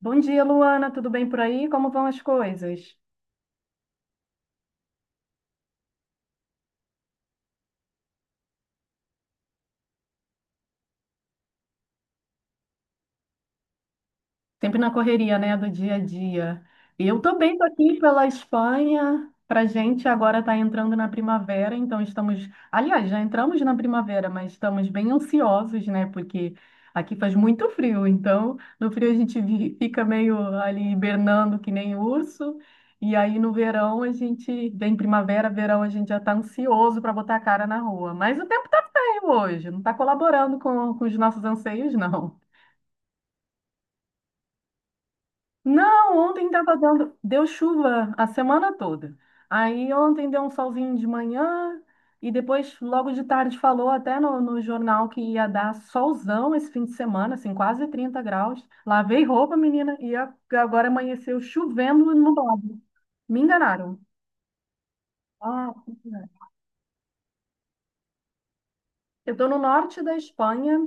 Bom dia, Luana. Tudo bem por aí? Como vão as coisas? Sempre na correria, né, do dia a dia. E eu também estou aqui pela Espanha. Para gente agora está entrando na primavera, então estamos, aliás, já entramos na primavera, mas estamos bem ansiosos, né? Porque aqui faz muito frio, então no frio a gente fica meio ali hibernando que nem urso. E aí no verão a gente, bem primavera, verão a gente já está ansioso para botar a cara na rua. Mas o tempo está feio hoje, não está colaborando com os nossos anseios, não. Não, ontem deu chuva a semana toda. Aí ontem deu um solzinho de manhã e depois, logo de tarde, falou até no jornal que ia dar solzão esse fim de semana, assim, quase 30 graus. Lavei roupa, menina, e agora amanheceu chovendo e nublado. Me enganaram. Ah, eu estou no norte da Espanha.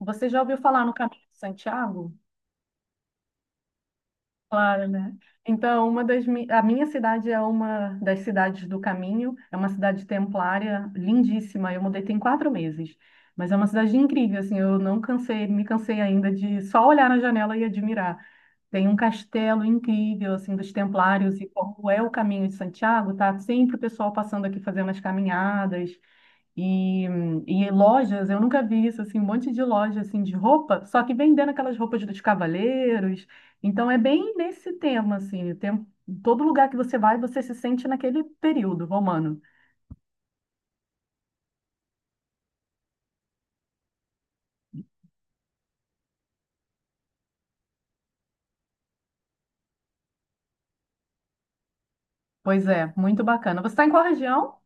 Você já ouviu falar no Caminho de Santiago? Claro, né? Então, a minha cidade é uma das cidades do caminho, é uma cidade templária lindíssima. Eu mudei tem 4 meses, mas é uma cidade incrível, assim, eu não cansei, me cansei ainda de só olhar na janela e admirar. Tem um castelo incrível, assim, dos templários e como é o caminho de Santiago, tá sempre o pessoal passando aqui fazendo as caminhadas. E, e em lojas, eu nunca vi isso, assim, um monte de loja assim de roupa, só que vendendo aquelas roupas dos cavaleiros. Então é bem nesse tema, assim, o tempo, todo lugar que você vai, você se sente naquele período romano. Pois é, muito bacana. Você está em qual região?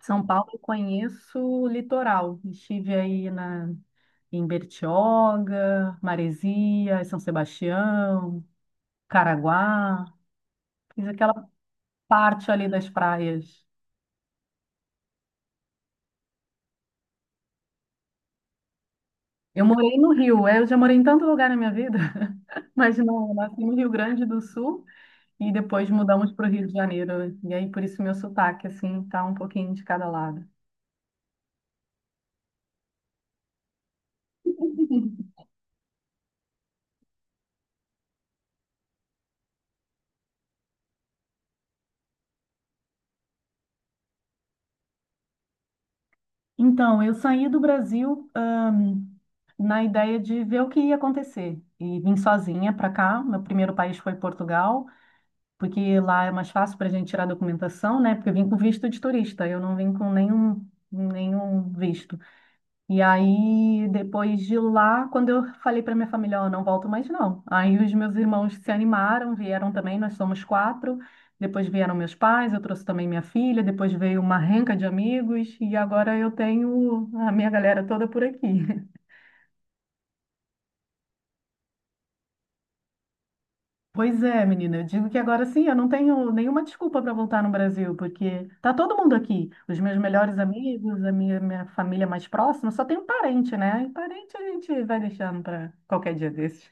São Paulo, eu conheço o litoral. Estive aí em Bertioga, Maresias, São Sebastião, Caraguá. Fiz aquela parte ali das praias. Eu morei no Rio, é, eu já morei em tanto lugar na minha vida, mas não, eu nasci no Rio Grande do Sul e depois mudamos para o Rio de Janeiro, né? E aí por isso meu sotaque, assim, tá um pouquinho de cada lado. Então, eu saí do Brasil, na ideia de ver o que ia acontecer e vim sozinha para cá. Meu primeiro país foi Portugal, porque lá é mais fácil para a gente tirar documentação, né? Porque eu vim com visto de turista, eu não vim com nenhum visto. E aí, depois de lá, quando eu falei para minha família, ó, não volto mais não. Aí os meus irmãos se animaram, vieram também, nós somos quatro. Depois vieram meus pais, eu trouxe também minha filha, depois veio uma renca de amigos e agora eu tenho a minha galera toda por aqui. Pois é, menina, eu digo que agora sim, eu não tenho nenhuma desculpa para voltar no Brasil, porque tá todo mundo aqui, os meus melhores amigos, a minha família mais próxima, só tem um parente, né? E parente a gente vai deixando para qualquer dia desses.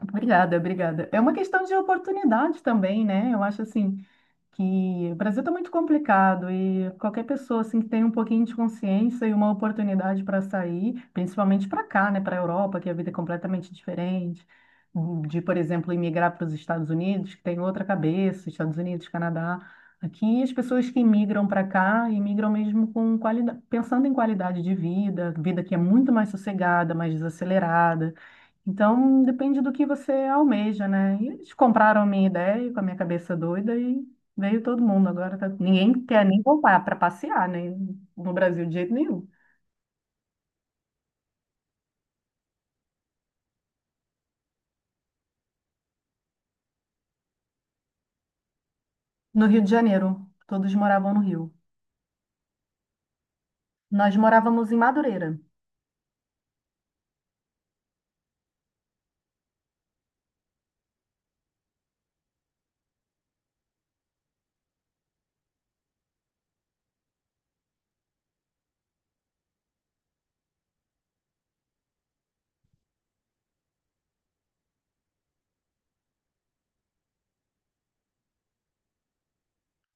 Obrigada, obrigada. É uma questão de oportunidade também, né? Eu acho assim que o Brasil está muito complicado e qualquer pessoa assim que tem um pouquinho de consciência e uma oportunidade para sair, principalmente para cá, né, para a Europa, que a vida é completamente diferente, de, por exemplo, imigrar para os Estados Unidos, que tem outra cabeça, Estados Unidos, Canadá. Aqui as pessoas que imigram para cá, imigram mesmo com qualidade, pensando em qualidade de vida, vida que é muito mais sossegada, mais desacelerada então, depende do que você almeja, né? E eles compraram a minha ideia com a minha cabeça doida e veio todo mundo. Agora ninguém quer nem voltar para passear, né? No Brasil, de jeito nenhum. No Rio de Janeiro, todos moravam no Rio. Nós morávamos em Madureira.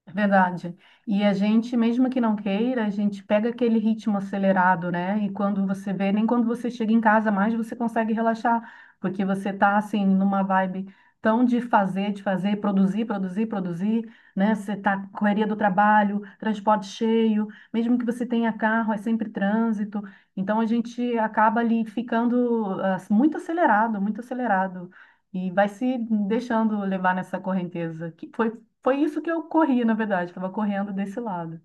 É verdade. E a gente, mesmo que não queira, a gente pega aquele ritmo acelerado, né? E quando você vê, nem quando você chega em casa mais você consegue relaxar, porque você tá assim numa vibe tão de fazer, produzir, produzir, produzir, né? Você tá com correria do trabalho, transporte cheio, mesmo que você tenha carro, é sempre trânsito. Então a gente acaba ali ficando ah, muito acelerado, muito acelerado. E vai se deixando levar nessa correnteza, que foi isso que eu corri, na verdade, estava correndo desse lado.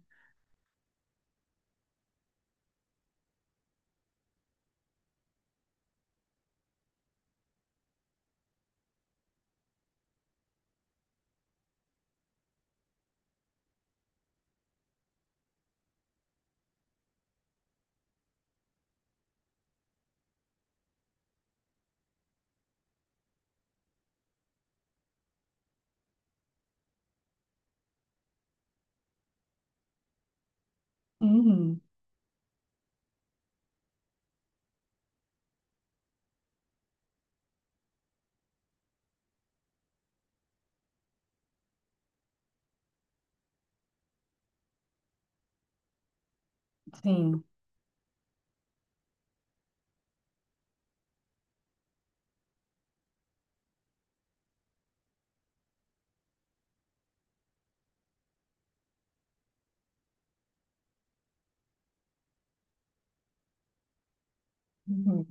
Uhum, sim. Uhum.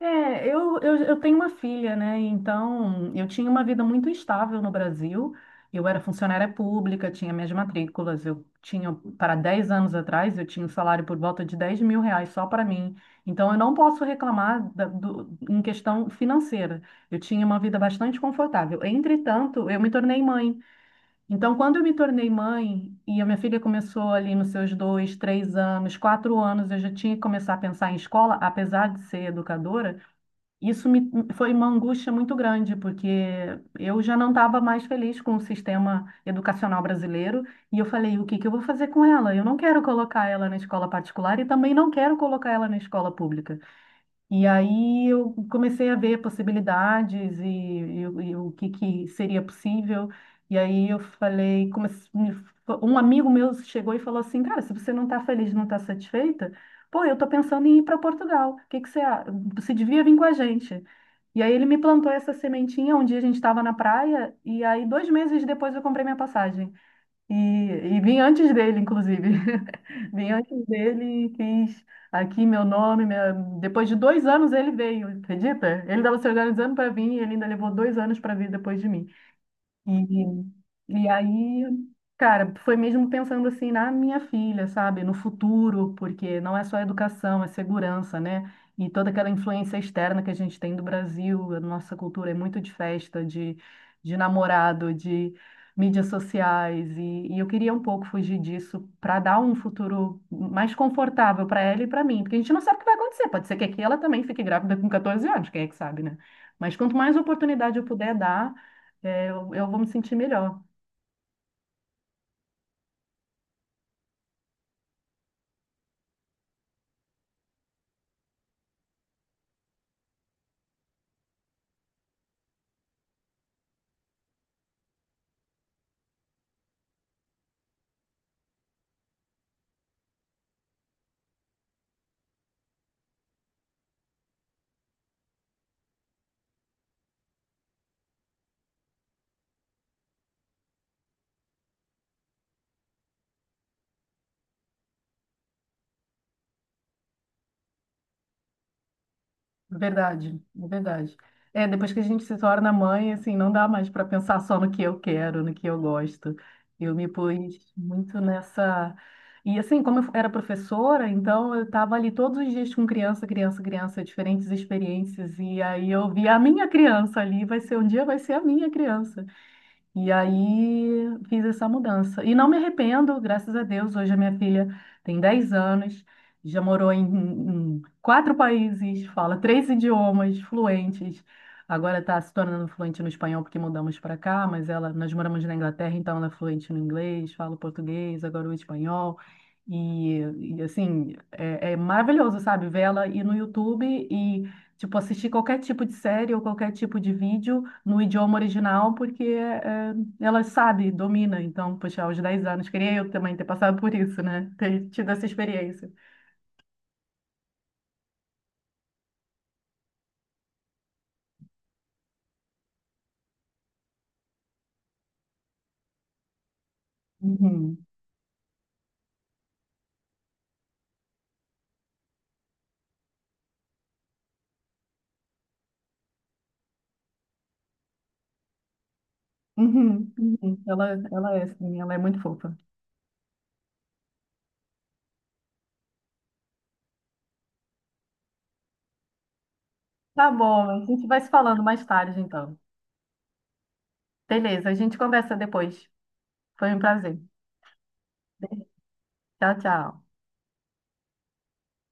É, eu tenho uma filha, né? Então, eu tinha uma vida muito estável no Brasil. Eu era funcionária pública, tinha minhas matrículas. Eu tinha, para 10 anos atrás, eu tinha um salário por volta de R$ 10.000 só para mim. Então, eu não posso reclamar do, em questão financeira. Eu tinha uma vida bastante confortável. Entretanto, eu me tornei mãe. Então, quando eu me tornei mãe e a minha filha começou ali nos seus dois, 3 anos, 4 anos, eu já tinha que começar a pensar em escola, apesar de ser educadora, isso me foi uma angústia muito grande, porque eu já não estava mais feliz com o sistema educacional brasileiro e eu falei, o que que eu vou fazer com ela? Eu não quero colocar ela na escola particular e também não quero colocar ela na escola pública. E aí eu comecei a ver possibilidades e o que seria possível. E aí eu falei, comece- me um amigo meu chegou e falou assim, cara, se você não está feliz, não está satisfeita, pô, eu estou pensando em ir para Portugal. O que que você, a- você devia vir com a gente? E aí ele me plantou essa sementinha. Um dia a gente estava na praia e aí 2 meses depois eu comprei minha passagem. E, e vim antes dele, inclusive. Vim antes dele e fiz aqui meu nome. Depois de 2 anos ele veio, acredita? Ele estava se organizando para vir e ele ainda levou 2 anos para vir depois de mim. E, e aí, cara, foi mesmo pensando assim na minha filha, sabe? No futuro, porque não é só educação, é segurança, né? E toda aquela influência externa que a gente tem do Brasil, a nossa cultura é muito de festa, de, namorado, de mídias sociais. E eu queria um pouco fugir disso para dar um futuro mais confortável para ela e para mim, porque a gente não sabe o que vai acontecer. Pode ser que aqui ela também fique grávida com 14 anos, quem é que sabe, né? Mas quanto mais oportunidade eu puder dar é, eu vou me sentir melhor, verdade. É, depois que a gente se torna mãe, assim, não dá mais para pensar só no que eu quero, no que eu gosto. Eu me pus muito nessa. E assim, como eu era professora, então eu estava ali todos os dias com criança, criança, criança, diferentes experiências. E aí eu via a minha criança ali, vai ser um dia, vai ser a minha criança. E aí fiz essa mudança. E não me arrependo, graças a Deus. Hoje a minha filha tem 10 anos, já morou em quatro países, fala três idiomas fluentes. Agora está se tornando fluente no espanhol porque mudamos para cá, mas ela, nós moramos na Inglaterra, então ela é fluente no inglês, fala o português, agora o espanhol. E, assim, é, é maravilhoso, sabe? Ver ela ir no YouTube e, tipo, assistir qualquer tipo de série ou qualquer tipo de vídeo no idioma original, porque ela sabe, domina. Então, poxa, aos 10 anos, queria eu também ter passado por isso, né? Ter tido essa experiência. Uhum. Uhum. Uhum. Ela é assim, ela é muito fofa. Tá bom, a gente vai se falando mais tarde, então. Beleza, a gente conversa depois. Foi um prazer. Tchau, tchau.